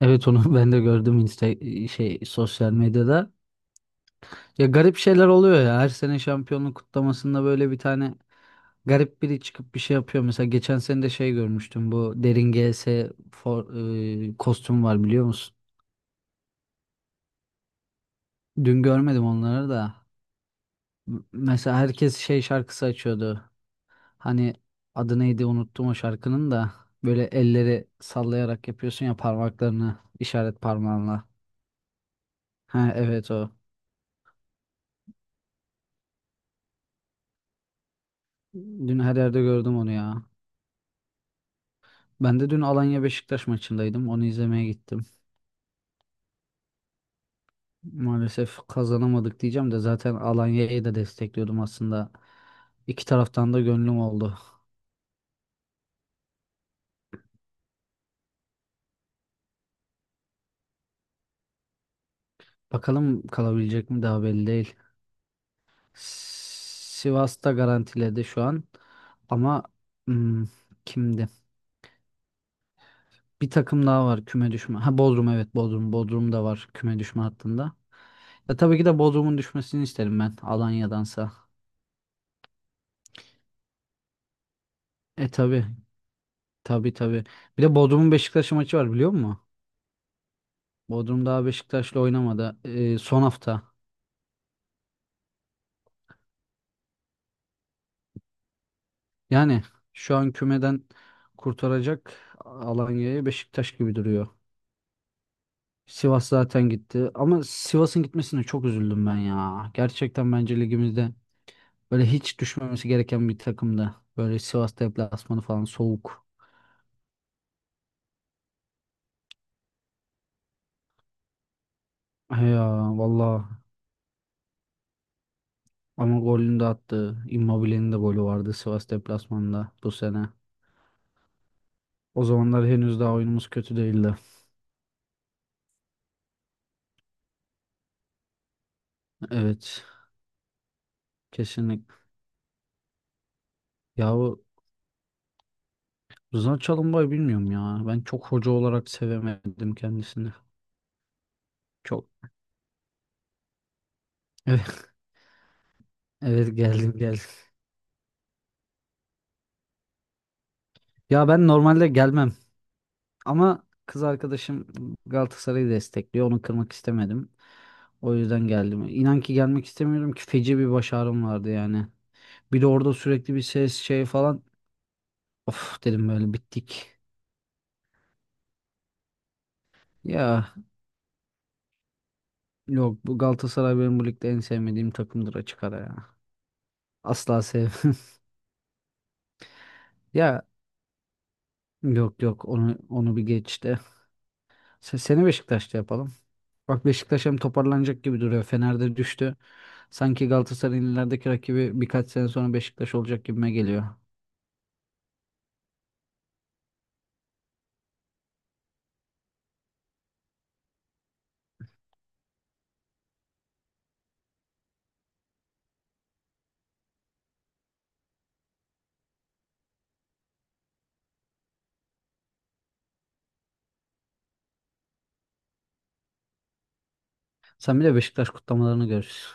Evet onu ben de gördüm Insta sosyal medyada. Ya garip şeyler oluyor ya. Her sene şampiyonluk kutlamasında böyle bir tane garip biri çıkıp bir şey yapıyor. Mesela geçen sene de şey görmüştüm. Bu Derin GS for, kostüm var biliyor musun? Dün görmedim onları da. Mesela herkes şey şarkısı açıyordu. Hani adı neydi unuttum o şarkının da. Böyle elleri sallayarak yapıyorsun ya parmaklarını işaret parmağınla. Ha evet o. Dün her yerde gördüm onu ya. Ben de dün Alanya Beşiktaş maçındaydım. Onu izlemeye gittim. Maalesef kazanamadık diyeceğim de zaten Alanya'yı da destekliyordum aslında. İki taraftan da gönlüm oldu. Bakalım kalabilecek mi daha belli değil. Sivas'ta garantiledi şu an. Ama hmm, kimdi? Bir takım daha var küme düşme. Ha Bodrum evet Bodrum. Bodrum da var küme düşme hattında. Ya tabii ki de Bodrum'un düşmesini isterim ben Alanya'dansa. E tabii tabii tabii. Bir de Bodrum'un Beşiktaş'ı maçı var biliyor musun? Bodrum daha Beşiktaş'la oynamadı. Son hafta. Yani şu an kümeden kurtaracak Alanya'ya Beşiktaş gibi duruyor. Sivas zaten gitti. Ama Sivas'ın gitmesine çok üzüldüm ben ya. Gerçekten bence ligimizde böyle hiç düşmemesi gereken bir takımdı. Böyle Sivas deplasmanı falan soğuk. He ya valla. Ama golünü de attı. Immobile'nin de golü vardı Sivas deplasmanında bu sene. O zamanlar henüz daha oyunumuz kötü değildi. Evet. Kesinlikle. Ya Rıza Çalımbay bilmiyorum ya. Ben çok hoca olarak sevemedim kendisini. Çok. Evet, evet, geldim geldim. Ya ben normalde gelmem ama kız arkadaşım Galatasaray'ı destekliyor. Onu kırmak istemedim. O yüzden geldim. İnan ki gelmek istemiyorum ki feci bir baş ağrım vardı yani. Bir de orada sürekli bir ses şey falan. Of dedim böyle bittik. Ya yok bu Galatasaray benim bu ligde en sevmediğim takımdır açık ara ya. Asla sevmem. Ya yok yok onu bir geçti. Seni Beşiktaş'ta yapalım. Bak Beşiktaş hem toparlanacak gibi duruyor. Fener'de düştü. Sanki Galatasaray'ın ilerideki rakibi birkaç sene sonra Beşiktaş olacak gibime geliyor. Sen bir de Beşiktaş kutlamalarını görürsün.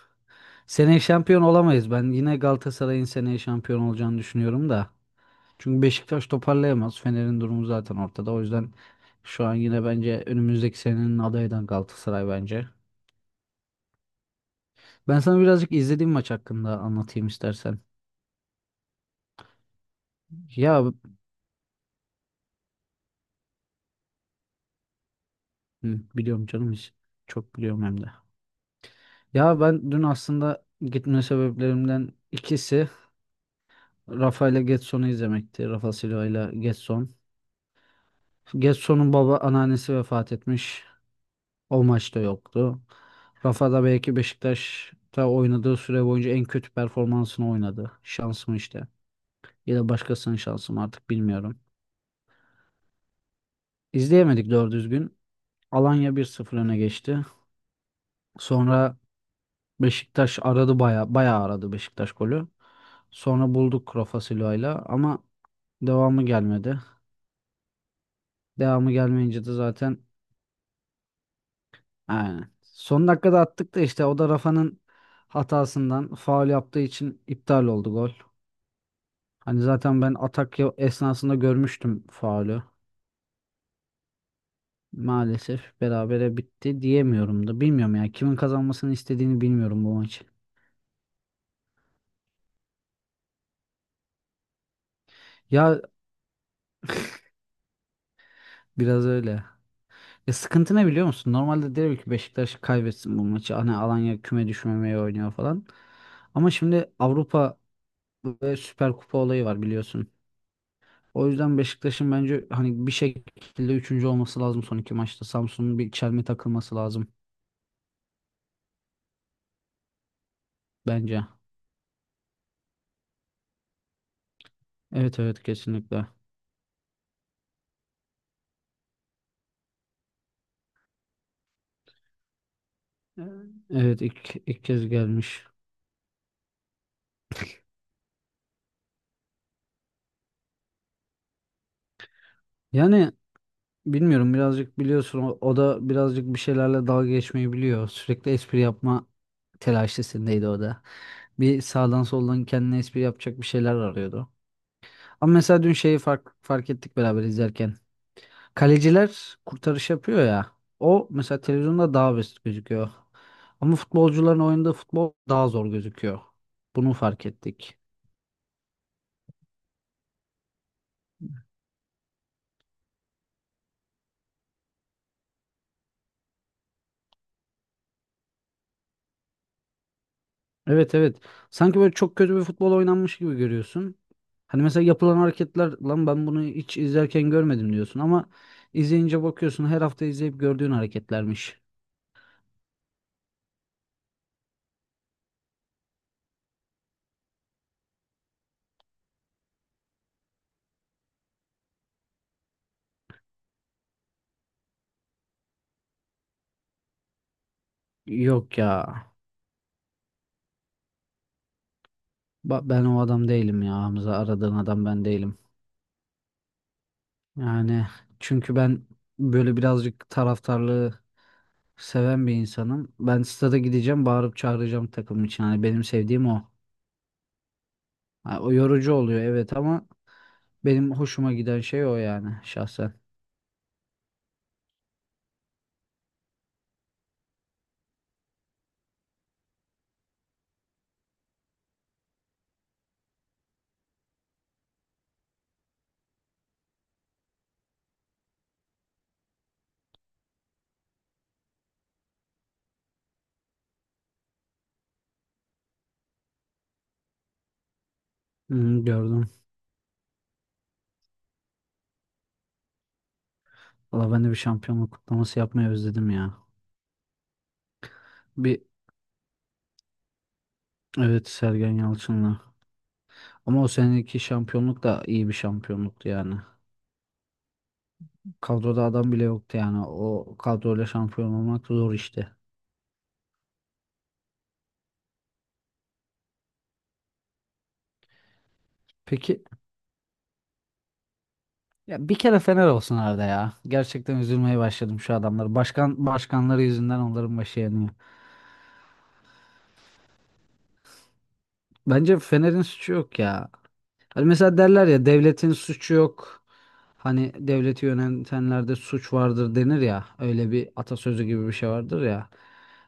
Seneye şampiyon olamayız. Ben yine Galatasaray'ın seneye şampiyon olacağını düşünüyorum da. Çünkü Beşiktaş toparlayamaz. Fener'in durumu zaten ortada. O yüzden şu an yine bence önümüzdeki senenin adayı da Galatasaray bence. Ben sana birazcık izlediğim maç hakkında anlatayım istersen. Ya hı, biliyorum canım hiç. Çok biliyorum hem de. Ya ben dün aslında gitme sebeplerimden ikisi Rafa ile Getson'u izlemekti. Rafa Silva ile Getson. Getson'un baba anneannesi vefat etmiş. O maçta yoktu. Rafa da belki Beşiktaş'ta oynadığı süre boyunca en kötü performansını oynadı. Şans mı işte. Ya da başkasının şansı mı artık bilmiyorum. İzleyemedik doğru düzgün. Alanya bir sıfır öne geçti. Sonra Beşiktaş aradı baya baya aradı Beşiktaş golü. Sonra bulduk Rafa Silva'yla ama devamı gelmedi. Devamı gelmeyince de zaten aynen. Son dakikada attık da işte o da Rafa'nın hatasından faul yaptığı için iptal oldu gol. Hani zaten ben atak esnasında görmüştüm faulü. Maalesef berabere bitti diyemiyorum da. Bilmiyorum ya kimin kazanmasını istediğini bilmiyorum bu maçı. Ya biraz öyle. Ya sıkıntı ne biliyor musun? Normalde derim ki Beşiktaş kaybetsin bu maçı. Hani Alanya küme düşmemeye oynuyor falan. Ama şimdi Avrupa ve Süper Kupa olayı var biliyorsun. O yüzden Beşiktaş'ın bence hani bir şekilde üçüncü olması lazım son iki maçta. Samsun'un bir çelme takılması lazım bence. Evet evet kesinlikle. Evet evet, ilk kez gelmiş. Yani bilmiyorum birazcık biliyorsun o da birazcık bir şeylerle dalga geçmeyi biliyor. Sürekli espri yapma telaşesindeydi o da. Bir sağdan soldan kendine espri yapacak bir şeyler arıyordu. Ama mesela dün şeyi fark ettik beraber izlerken. Kaleciler kurtarış yapıyor ya. O mesela televizyonda daha basit gözüküyor. Ama futbolcuların oynadığı futbol daha zor gözüküyor. Bunu fark ettik. Evet evet. Sanki böyle çok kötü bir futbol oynanmış gibi görüyorsun. Hani mesela yapılan hareketler lan ben bunu hiç izlerken görmedim diyorsun ama izleyince bakıyorsun her hafta izleyip gördüğün hareketlermiş. Yok ya. Ben o adam değilim ya Hamza. Aradığın adam ben değilim. Yani çünkü ben böyle birazcık taraftarlığı seven bir insanım. Ben stada gideceğim, bağırıp çağıracağım takım için. Hani benim sevdiğim o. Ha, o yorucu oluyor evet ama benim hoşuma giden şey o yani şahsen. Hmm, gördüm. Valla ben de bir şampiyonluk kutlaması yapmayı özledim ya. Bir evet Sergen Yalçın'la. Ama o seneki şampiyonluk da iyi bir şampiyonluktu yani. Kadroda adam bile yoktu yani. O kadroyla şampiyon olmak zor işte. Peki ya bir kere Fener olsun arada ya. Gerçekten üzülmeye başladım şu adamları. Başkan başkanları yüzünden onların başı yanıyor. Bence Fener'in suçu yok ya. Hani mesela derler ya devletin suçu yok. Hani devleti yönetenlerde suç vardır denir ya. Öyle bir atasözü gibi bir şey vardır ya.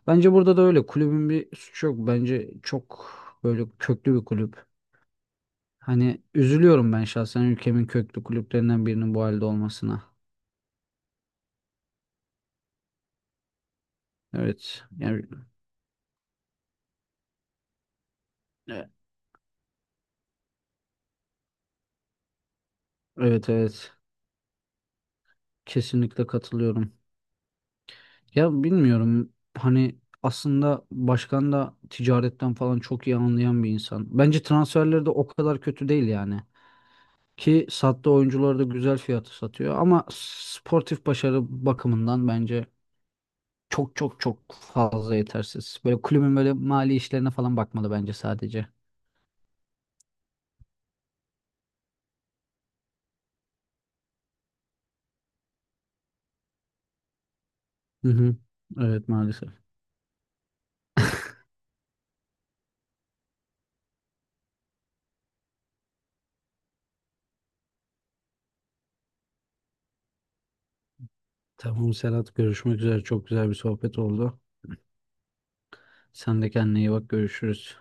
Bence burada da öyle. Kulübün bir suçu yok. Bence çok böyle köklü bir kulüp. Hani üzülüyorum ben şahsen ülkemin köklü kulüplerinden birinin bu halde olmasına. Evet. E, evet evet. Kesinlikle katılıyorum. Ya bilmiyorum hani aslında başkan da ticaretten falan çok iyi anlayan bir insan. Bence transferleri de o kadar kötü değil yani. Ki sattığı oyuncuları da güzel fiyatı satıyor ama sportif başarı bakımından bence çok çok çok fazla yetersiz. Böyle kulübün böyle mali işlerine falan bakmalı bence sadece. Hı hı. Evet maalesef. Tamam Serhat görüşmek üzere. Çok güzel bir sohbet oldu. Sen de kendine iyi bak görüşürüz.